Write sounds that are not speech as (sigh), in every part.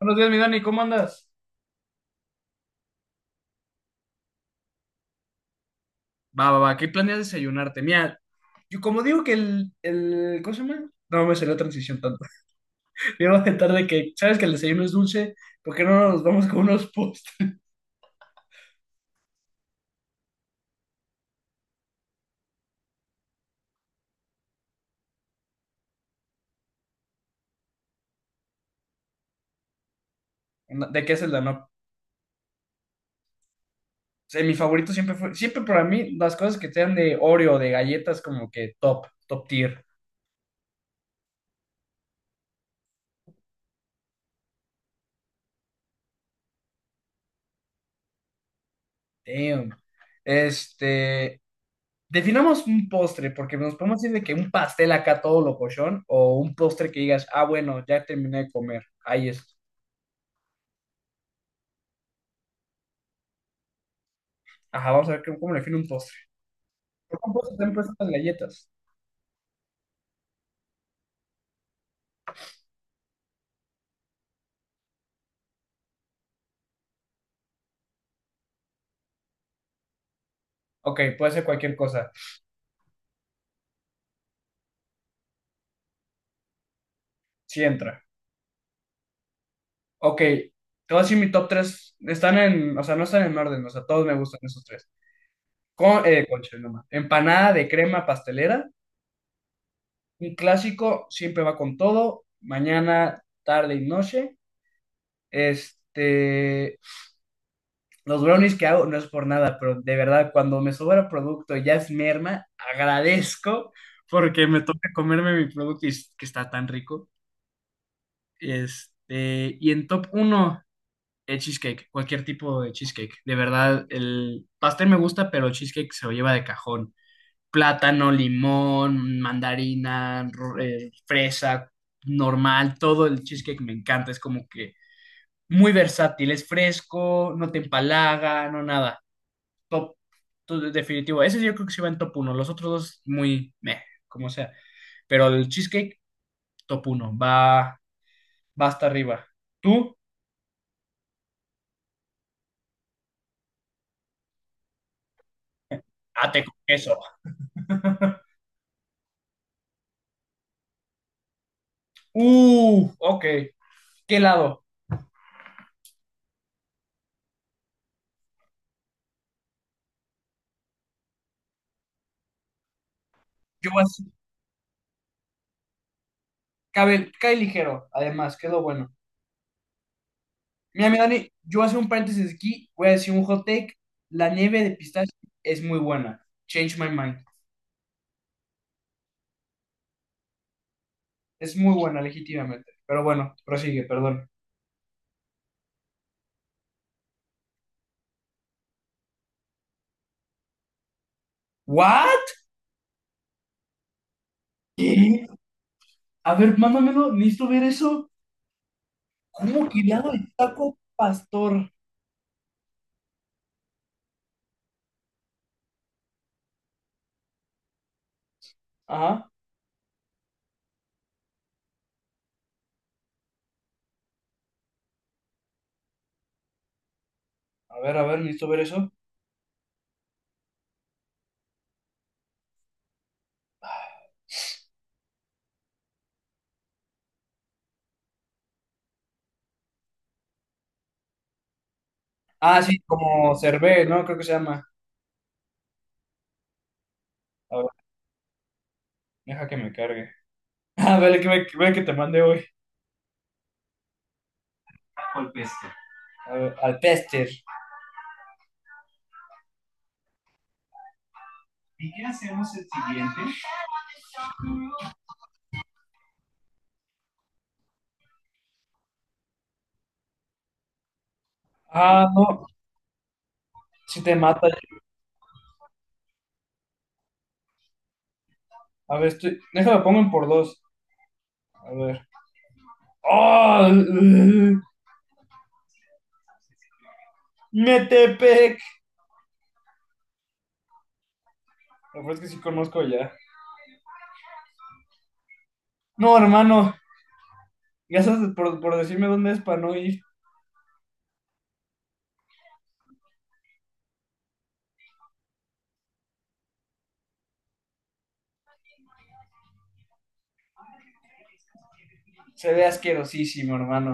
Buenos días, mi Dani, ¿cómo andas? Va, va, va, ¿qué planeas desayunarte? Mira, yo como digo que el ¿cómo se llama? No me salió la transición tanto. (laughs) Me iba a tentar de que, ¿sabes que el desayuno es dulce? ¿Por qué no nos vamos con unos postres? No, ¿de qué es el no? Mi favorito siempre fue, siempre para mí, las cosas que sean de Oreo, de galletas, como que top, top tier. Damn. Este, Definamos un postre, porque nos podemos decir de que un pastel acá todo locochón, o un postre que digas, ah, bueno, ya terminé de comer, ahí es. Ajá, vamos a ver cómo le define un postre. ¿Por qué un postre también puede ser las galletas? Ok, puede ser cualquier cosa. Sí entra. Ok, te voy a decir mi top tres. Están en, o sea, no están en orden, o sea, todos me gustan esos tres. Con, concha, no más. Empanada de crema pastelera. Un clásico, siempre va con todo. Mañana, tarde y noche. Este, los brownies que hago no es por nada, pero de verdad, cuando me sobra producto y ya es merma, agradezco porque me toca comerme mi producto y es que está tan rico. Y en top uno el cheesecake, cualquier tipo de cheesecake. De verdad, el pastel me gusta, pero el cheesecake se lo lleva de cajón. Plátano, limón, mandarina, fresa, normal, todo el cheesecake me encanta. Es como que muy versátil, es fresco, no te empalaga, no nada. Top, definitivo. Ese yo creo que se va en top uno. Los otros dos, muy meh, como sea. Pero el cheesecake, top uno va, va hasta arriba. ¿Tú? Ate con queso. (laughs) Ok. ¿Qué lado? Yo así, cabe, cae ligero, además, que es lo bueno. Mira, mi Dani, yo voy a hacer un paréntesis aquí, voy a decir un hot take. La nieve de pistache es muy buena. Change my mind. Es muy buena, legítimamente. Pero bueno, prosigue, perdón. ¿What? ¿Qué? A ver, mándamelo, necesito ver eso. ¿Cómo que lado de taco pastor? Ajá. A ver, necesito ver eso. Ah, sí, como cervé, ¿no? Creo que se llama. A ver, deja que me cargue. Ah, vale, vale que te mande hoy. A ver, al Pester. ¿Y qué hacemos el siguiente? Ah, no. Si te mata. A ver, estoy. Déjame pongo en por dos. A ver. ¡Oh! (laughs) ¡Metepec! La verdad es que sí conozco ya. No, hermano. Gracias por decirme dónde es para no ir. Se ve asquerosísimo, hermano.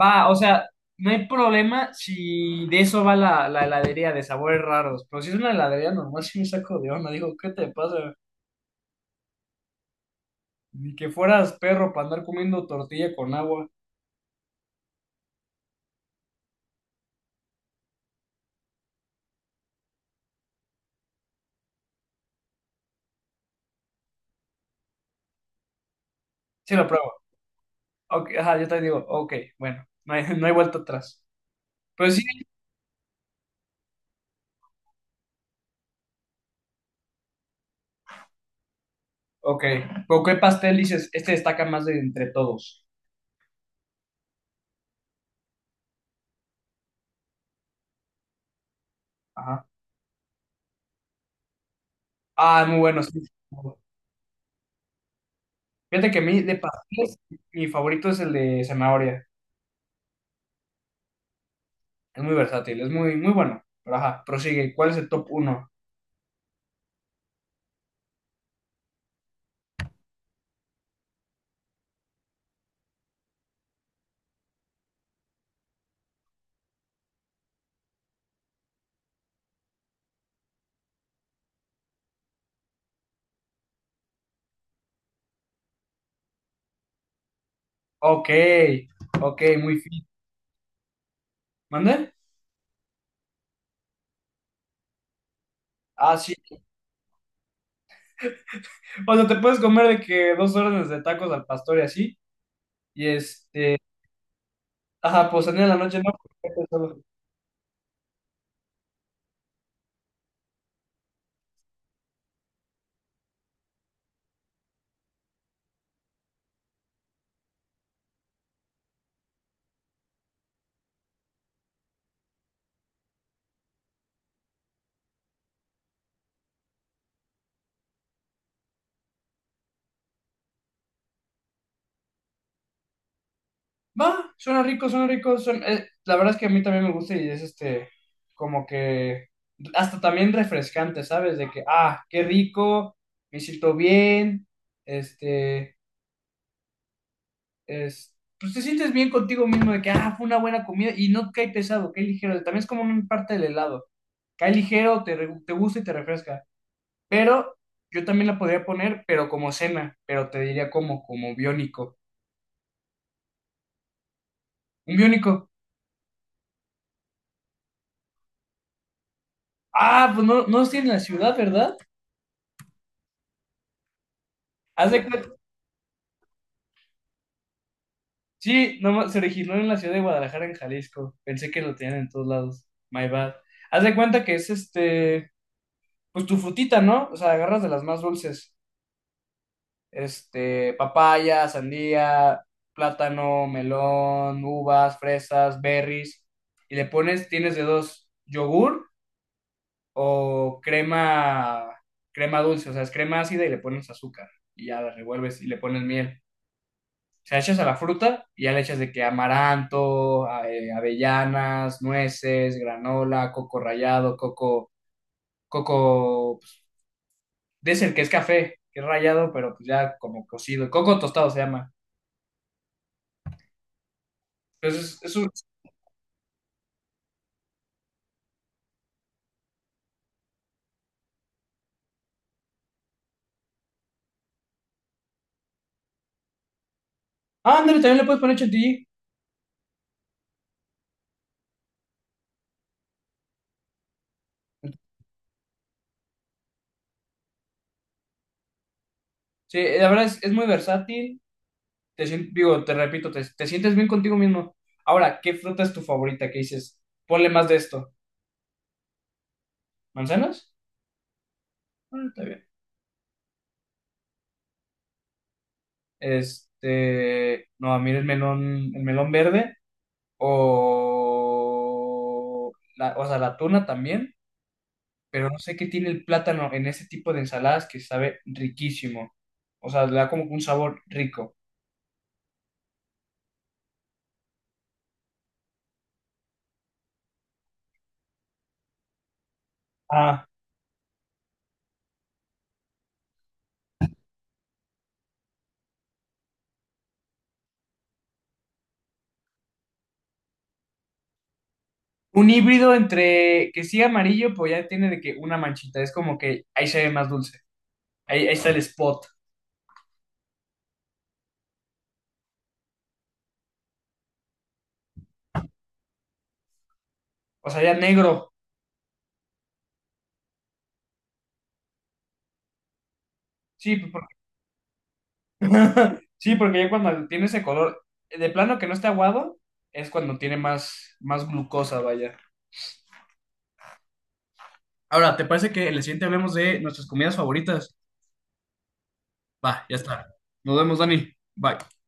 Va, o sea, no hay problema si de eso va la heladería de sabores raros. Pero si es una heladería normal, sí me saco de onda. Digo, ¿qué te pasa? Ni que fueras perro para andar comiendo tortilla con agua. Sí, lo pruebo. Ok, ajá, yo te digo, ok, bueno, no hay, (laughs) no hay vuelta atrás. Pero sí, ok. ¿Con qué pastel dices? Este destaca más de entre todos. Ajá. Ah, muy bueno, sí. Fíjate que a mí, de pasteles, mi favorito es el de zanahoria. Es muy versátil, es muy, muy bueno. Pero ajá, prosigue. ¿Cuál es el top uno? Ok, ok, muy fin. ¿Mande? Ah, sí. O sea, te puedes comer de que dos órdenes de tacos al pastor y así. Y este. Ajá, pues salir en la noche, ¿no? Porque solo- Va, suena rico, suena rico. La verdad es que a mí también me gusta y es este, como que, hasta también refrescante, ¿sabes? De que, ah, qué rico, me siento bien, este, es, pues te sientes bien contigo mismo de que, ah, fue una buena comida y no cae pesado, cae ligero. También es como una parte del helado. Cae ligero, te gusta y te refresca. Pero yo también la podría poner, pero como cena, pero te diría como, como biónico. Un biónico. Ah, pues no, no estoy en la ciudad, ¿verdad? Haz de cuenta. Sí, nomás se originó en la ciudad de Guadalajara, en Jalisco. Pensé que lo tenían en todos lados. My bad. Haz de cuenta que es este, pues tu frutita, ¿no? O sea, agarras de las más dulces. Este, papaya, sandía, plátano, melón, uvas, fresas, berries. Y le pones, tienes de dos, yogur o crema, crema dulce. O sea, es crema ácida y le pones azúcar. Y ya la revuelves y le pones miel. Sea, echas a la fruta y ya le echas de que amaranto, avellanas, nueces, granola, coco rallado, pues, dicen que es café, que es rallado, pero pues ya como cocido, coco tostado se llama. Entonces, es un... Ah, ándale, también le puedes poner chantilly. Sí, la verdad es muy versátil. Digo, te repito, te sientes bien contigo mismo. Ahora, ¿qué fruta es tu favorita? ¿Qué dices? Ponle más de esto. ¿Manzanas? Ah, está bien. Este, no, a mí el melón verde. O, o sea, la tuna también, pero no sé qué tiene el plátano en ese tipo de ensaladas que sabe riquísimo. O sea, le da como un sabor rico. Ah, un híbrido entre que sí amarillo, pues ya tiene de que una manchita, es como que ahí se ve más dulce. Ahí, ahí está el spot. O sea, ya negro. Sí, pues, porque, (laughs) sí, porque ya cuando tiene ese color, de plano que no está aguado, es cuando tiene más, más glucosa, vaya. Ahora, ¿te parece que en el siguiente hablemos de nuestras comidas favoritas? Va, ya está. Nos vemos, Dani. Bye.